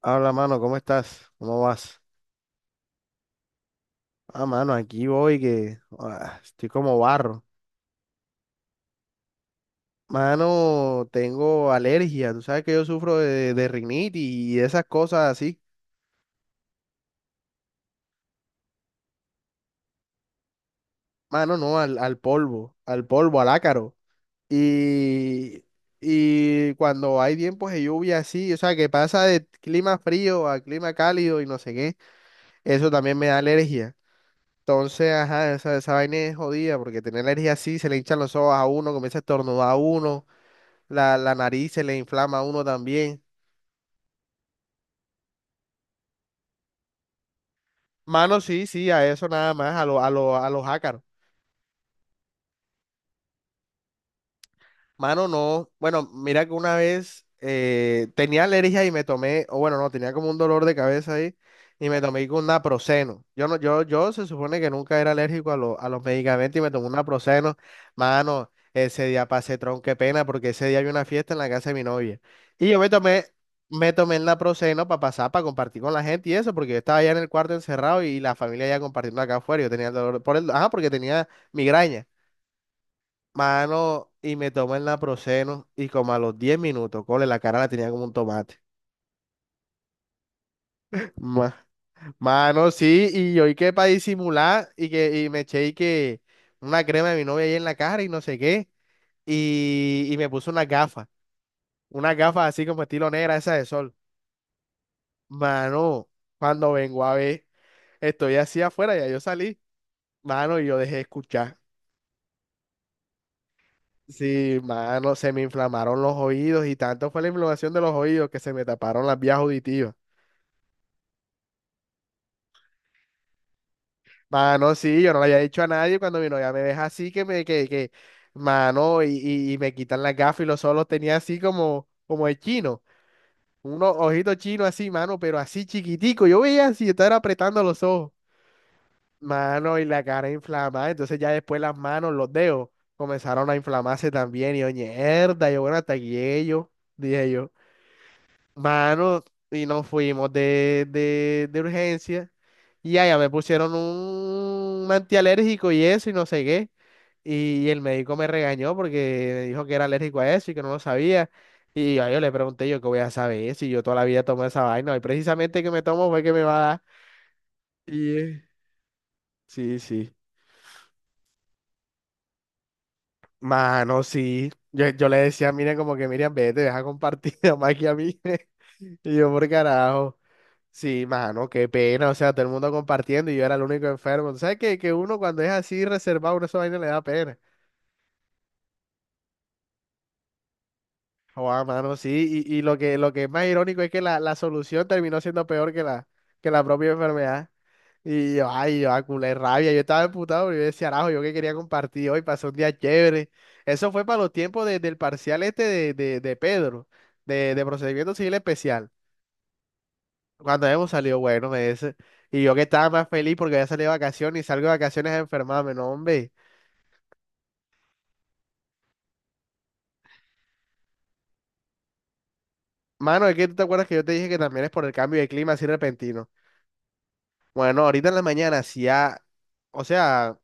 Habla, mano, ¿cómo estás? ¿Cómo vas? Ah, mano, aquí voy que estoy como barro. Mano, tengo alergia. Tú sabes que yo sufro de rinitis y esas cosas así. Mano, no, al polvo, al polvo, al ácaro. Y, y cuando hay tiempos de lluvia así, o sea, que pasa de clima frío a clima cálido y no sé qué, eso también me da alergia. Entonces, ajá, esa vaina es jodida porque tener alergia así, se le hinchan los ojos a uno, comienza a estornudar a uno. La nariz se le inflama a uno también. Mano, sí, sí, a eso nada más, a los ácaros. Mano, no. Bueno, mira que una vez tenía alergia y me tomé, o bueno, no, tenía como un dolor de cabeza ahí y me tomé con naproxeno. Yo no, yo se supone que nunca era alérgico a los medicamentos y me tomé un naproxeno. Mano, ese día pasé qué pena, porque ese día había una fiesta en la casa de mi novia. Y yo me tomé el naproxeno para compartir con la gente y eso, porque yo estaba allá en el cuarto encerrado y la familia ya compartiendo acá afuera. Yo tenía el dolor por el, ajá, porque tenía migraña. Mano, y me tomé el naproxeno y como a los 10 minutos, cole, la cara la tenía como un tomate. Ma- Mano, sí, y yo y que para disimular y que y me eché y que una crema de mi novia ahí en la cara y no sé qué. Y me puse unas gafas así como estilo negra, esa de sol. Mano, cuando vengo a ver, estoy así afuera, ya yo salí. Mano, y yo dejé de escuchar. Sí, mano, se me inflamaron los oídos y tanto fue la inflamación de los oídos que se me taparon las vías auditivas. Mano, sí, yo no lo había dicho a nadie cuando mi novia me deja así que me, mano, y me quitan las gafas y los ojos los tenía así como de chino, unos ojitos chinos así, mano, pero así chiquitico, yo veía así, estaba apretando los ojos, mano, y la cara inflamada. Entonces ya después las manos, los dedos comenzaron a inflamarse también, y yo, mierda, yo, bueno, hasta aquí llegué yo, dije yo. Mano, y nos fuimos de urgencia. Y allá me pusieron un antialérgico y eso, y no sé qué. Y el médico me regañó porque me dijo que era alérgico a eso y que no lo sabía. Y yo le pregunté yo qué voy a saber si yo toda la vida tomo esa vaina. Y precisamente que me tomo fue que me va a dar. Y sí, sí. Mano, sí. Yo le decía, miren, como que Miriam, vete, deja compartir más que a mí. Y yo, por carajo. Sí, mano, qué pena, o sea, todo el mundo compartiendo y yo era el único enfermo. ¿Tú ¿Sabes que uno cuando es así reservado, uno esa vaina le da pena? Joder, mano, sí, y lo que, es más irónico es que la solución terminó siendo peor que la propia enfermedad. Y yo, ay, yo, a culé rabia, yo estaba emputado, pero yo decía, arajo, yo que quería compartir hoy, pasó un día chévere. Eso fue para los tiempos del parcial este de Pedro, de procedimiento civil especial. Cuando hemos salido bueno, me dice. Y yo que estaba más feliz porque había salido de vacaciones y salgo de vacaciones a enfermarme, no, hombre. Mano, es que tú te acuerdas que yo te dije que también es por el cambio de clima así repentino. Bueno, ahorita en la mañana hacía, o sea,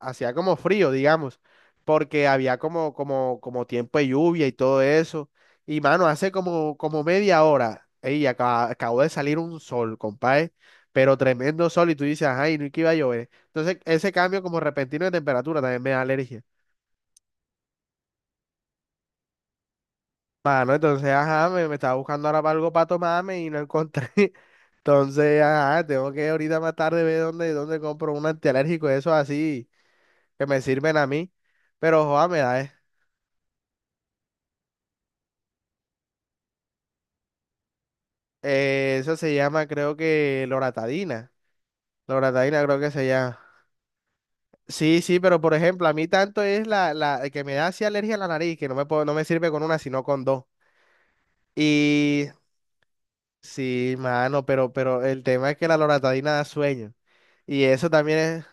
hacía como frío, digamos, porque había como, como tiempo de lluvia y todo eso. Y mano, hace como, como media hora, ey, acabó de salir un sol, compadre, pero tremendo sol y tú dices, ay, no, y que iba a llover. Entonces, ese cambio como repentino de temperatura también me da alergia. Mano, entonces, ajá, me estaba buscando ahora para algo para tomarme y no encontré. Entonces, ajá, tengo que ahorita más tarde ver dónde compro un antialérgico, eso así, que me sirven a mí. Pero, joda, me da. Eso se llama, creo que, loratadina. Loratadina creo que se llama. Sí, sí, pero por ejemplo, a mí tanto es la, la que me da así alergia a la nariz, que no me sirve con una, sino con dos. Y sí, mano, pero el tema es que la loratadina da sueño. Y eso también es.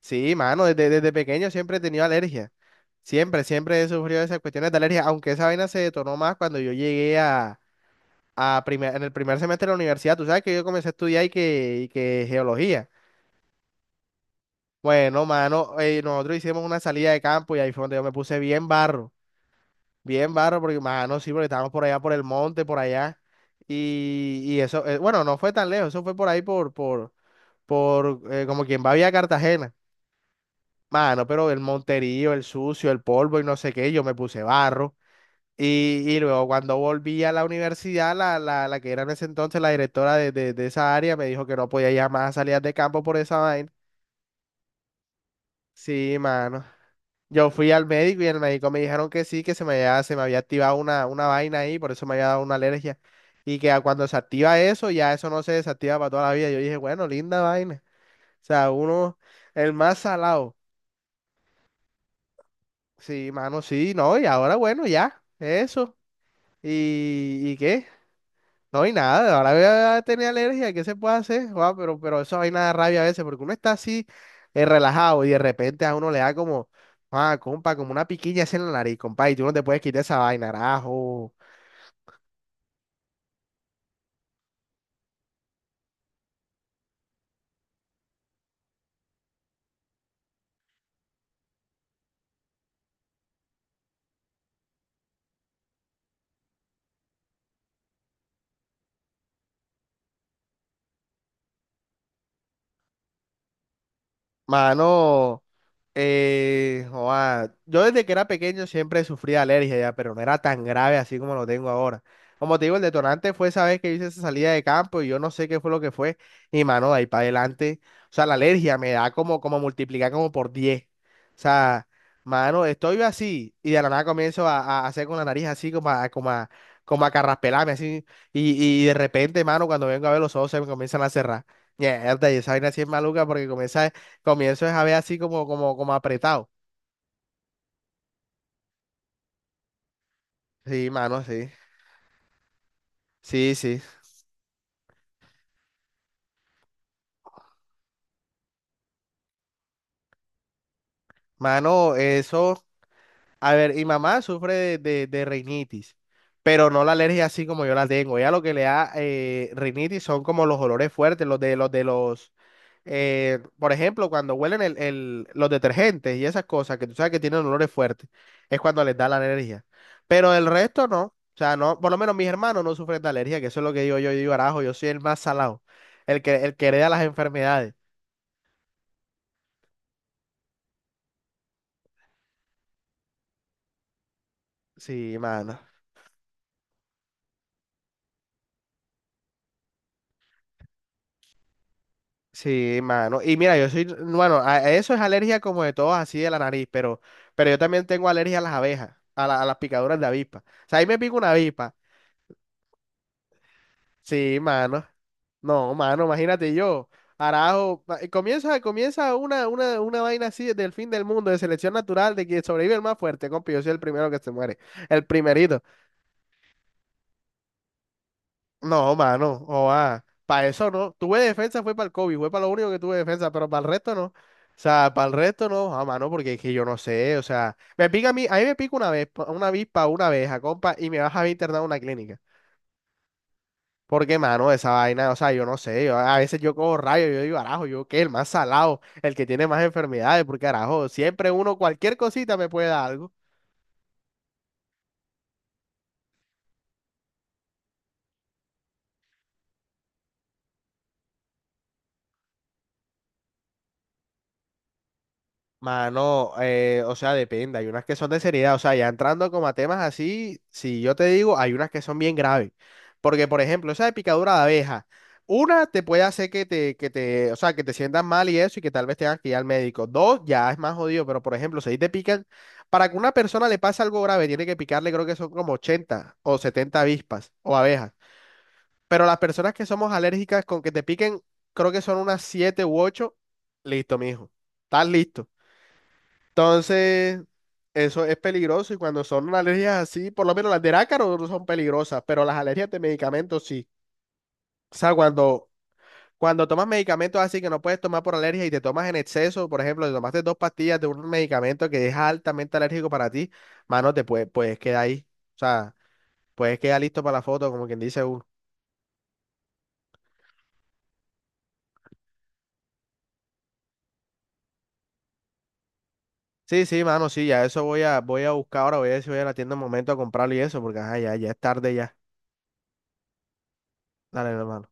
Sí, mano, desde pequeño siempre he tenido alergia. Siempre he sufrido esas cuestiones de alergia, aunque esa vaina se detonó más cuando yo llegué a en el primer semestre de la universidad. Tú sabes que yo comencé a estudiar y que geología. Bueno, mano, nosotros hicimos una salida de campo y ahí fue donde yo me puse bien barro, porque, mano, sí, porque estábamos por allá, por el monte, por allá. Y eso, bueno, no fue tan lejos, eso fue por ahí, por, por, como quien va a Vía Cartagena. Mano, pero el monterío, el sucio, el polvo y no sé qué, yo me puse barro. Y luego cuando volví a la universidad, la, la que era en ese entonces la directora de esa área me dijo que no podía ya más a salidas de campo por esa vaina. Sí, mano. Yo fui al médico y el médico me dijeron que sí, que se me había activado una vaina ahí, por eso me había dado una alergia. Y que a cuando se activa eso, ya eso no se desactiva para toda la vida. Yo dije, bueno, linda vaina. O sea, uno, el más salado. Sí, mano, sí, no, y ahora bueno, ya, eso. ¿Y qué? No, y nada, ahora voy a tener alergia, ¿qué se puede hacer? Guau, pero eso hay nada rabia a veces, porque uno está así relajado y de repente a uno le da como, ah, compa, como una piquiña así en la nariz, compa, y tú no te puedes quitar esa vaina, carajo. Mano, joa, yo desde que era pequeño siempre sufría alergia ya, pero no era tan grave así como lo tengo ahora. Como te digo, el detonante fue esa vez que hice esa salida de campo y yo no sé qué fue lo que fue. Y mano, de ahí para adelante, o sea, la alergia me da como, como multiplicar como por 10. O sea, mano, estoy así y de la nada comienzo a hacer con la nariz así como a, como a carraspelarme así. Y de repente, mano, cuando vengo a ver los ojos se me comienzan a cerrar. Mierda, y esa vaina así es maluca porque comienza. Comienzo es a ver así como, como apretado. Sí, mano, sí. Sí, sí. Mano, eso. A ver, mi mamá sufre de rinitis, pero no la alergia así como yo la tengo. Ella lo que le da rinitis son como los olores fuertes, los de los por ejemplo, cuando huelen los detergentes y esas cosas que tú sabes que tienen olores fuertes, es cuando les da la alergia. Pero el resto no. O sea, no, por lo menos mis hermanos no sufren de alergia, que eso es lo que digo yo, yo digo, arajo, yo soy el más salado, el que hereda las enfermedades. Sí, mano. Sí, mano. Y mira, yo soy, bueno, a eso es alergia como de todos, así de la nariz, pero yo también tengo alergia a las abejas, a las picaduras de avispa. O sea, ahí me pica una avispa. Sí, mano. No, mano, imagínate yo. Arajo, comienza, comienza una, una vaina así del fin del mundo, de selección natural, de que sobrevive el más fuerte, compi. Yo soy el primero que se muere. El primerito. No, mano, para eso no. Tuve defensa, fue para el COVID, fue para lo único que tuve defensa, pero para el resto no. O sea, para el resto no, ah, mano, porque es que yo no sé, o sea, me pica a mí me pica una vez, una avispa, una abeja, compa, y me vas a internar a una clínica. Porque, mano, esa vaina, o sea, yo no sé, yo, a veces yo cojo rayos, yo digo, arajo, yo qué, el más salado, el que tiene más enfermedades, porque, arajo, siempre uno, cualquier cosita me puede dar algo. Mano, o sea, depende. Hay unas que son de seriedad. O sea, ya entrando como a temas así, si yo te digo, hay unas que son bien graves. Porque, por ejemplo, esa de picadura de abeja, una te puede hacer que te, o sea, que te sientas mal y eso, y que tal vez tengas que ir al médico. Dos, ya es más jodido. Pero, por ejemplo, si ahí te pican, para que una persona le pase algo grave, tiene que picarle, creo que son como 80 o 70 avispas o abejas. Pero las personas que somos alérgicas con que te piquen, creo que son unas 7 u 8. Listo, mijo. Estás listo. Entonces, eso es peligroso y cuando son alergias así, por lo menos las del ácaro no son peligrosas, pero las alergias de medicamentos sí. O sea, cuando tomas medicamentos así que no puedes tomar por alergia y te tomas en exceso, por ejemplo, te tomaste 2 pastillas de un medicamento que es altamente alérgico para ti, mano, te puedes quedar ahí. O sea, puedes quedar listo para la foto, como quien dice uno. Sí, sí, mano, sí, ya eso voy a buscar ahora, voy a ver si voy a la tienda un momento a comprarlo y eso, porque ajá, ya, ya es tarde ya. Dale, hermano.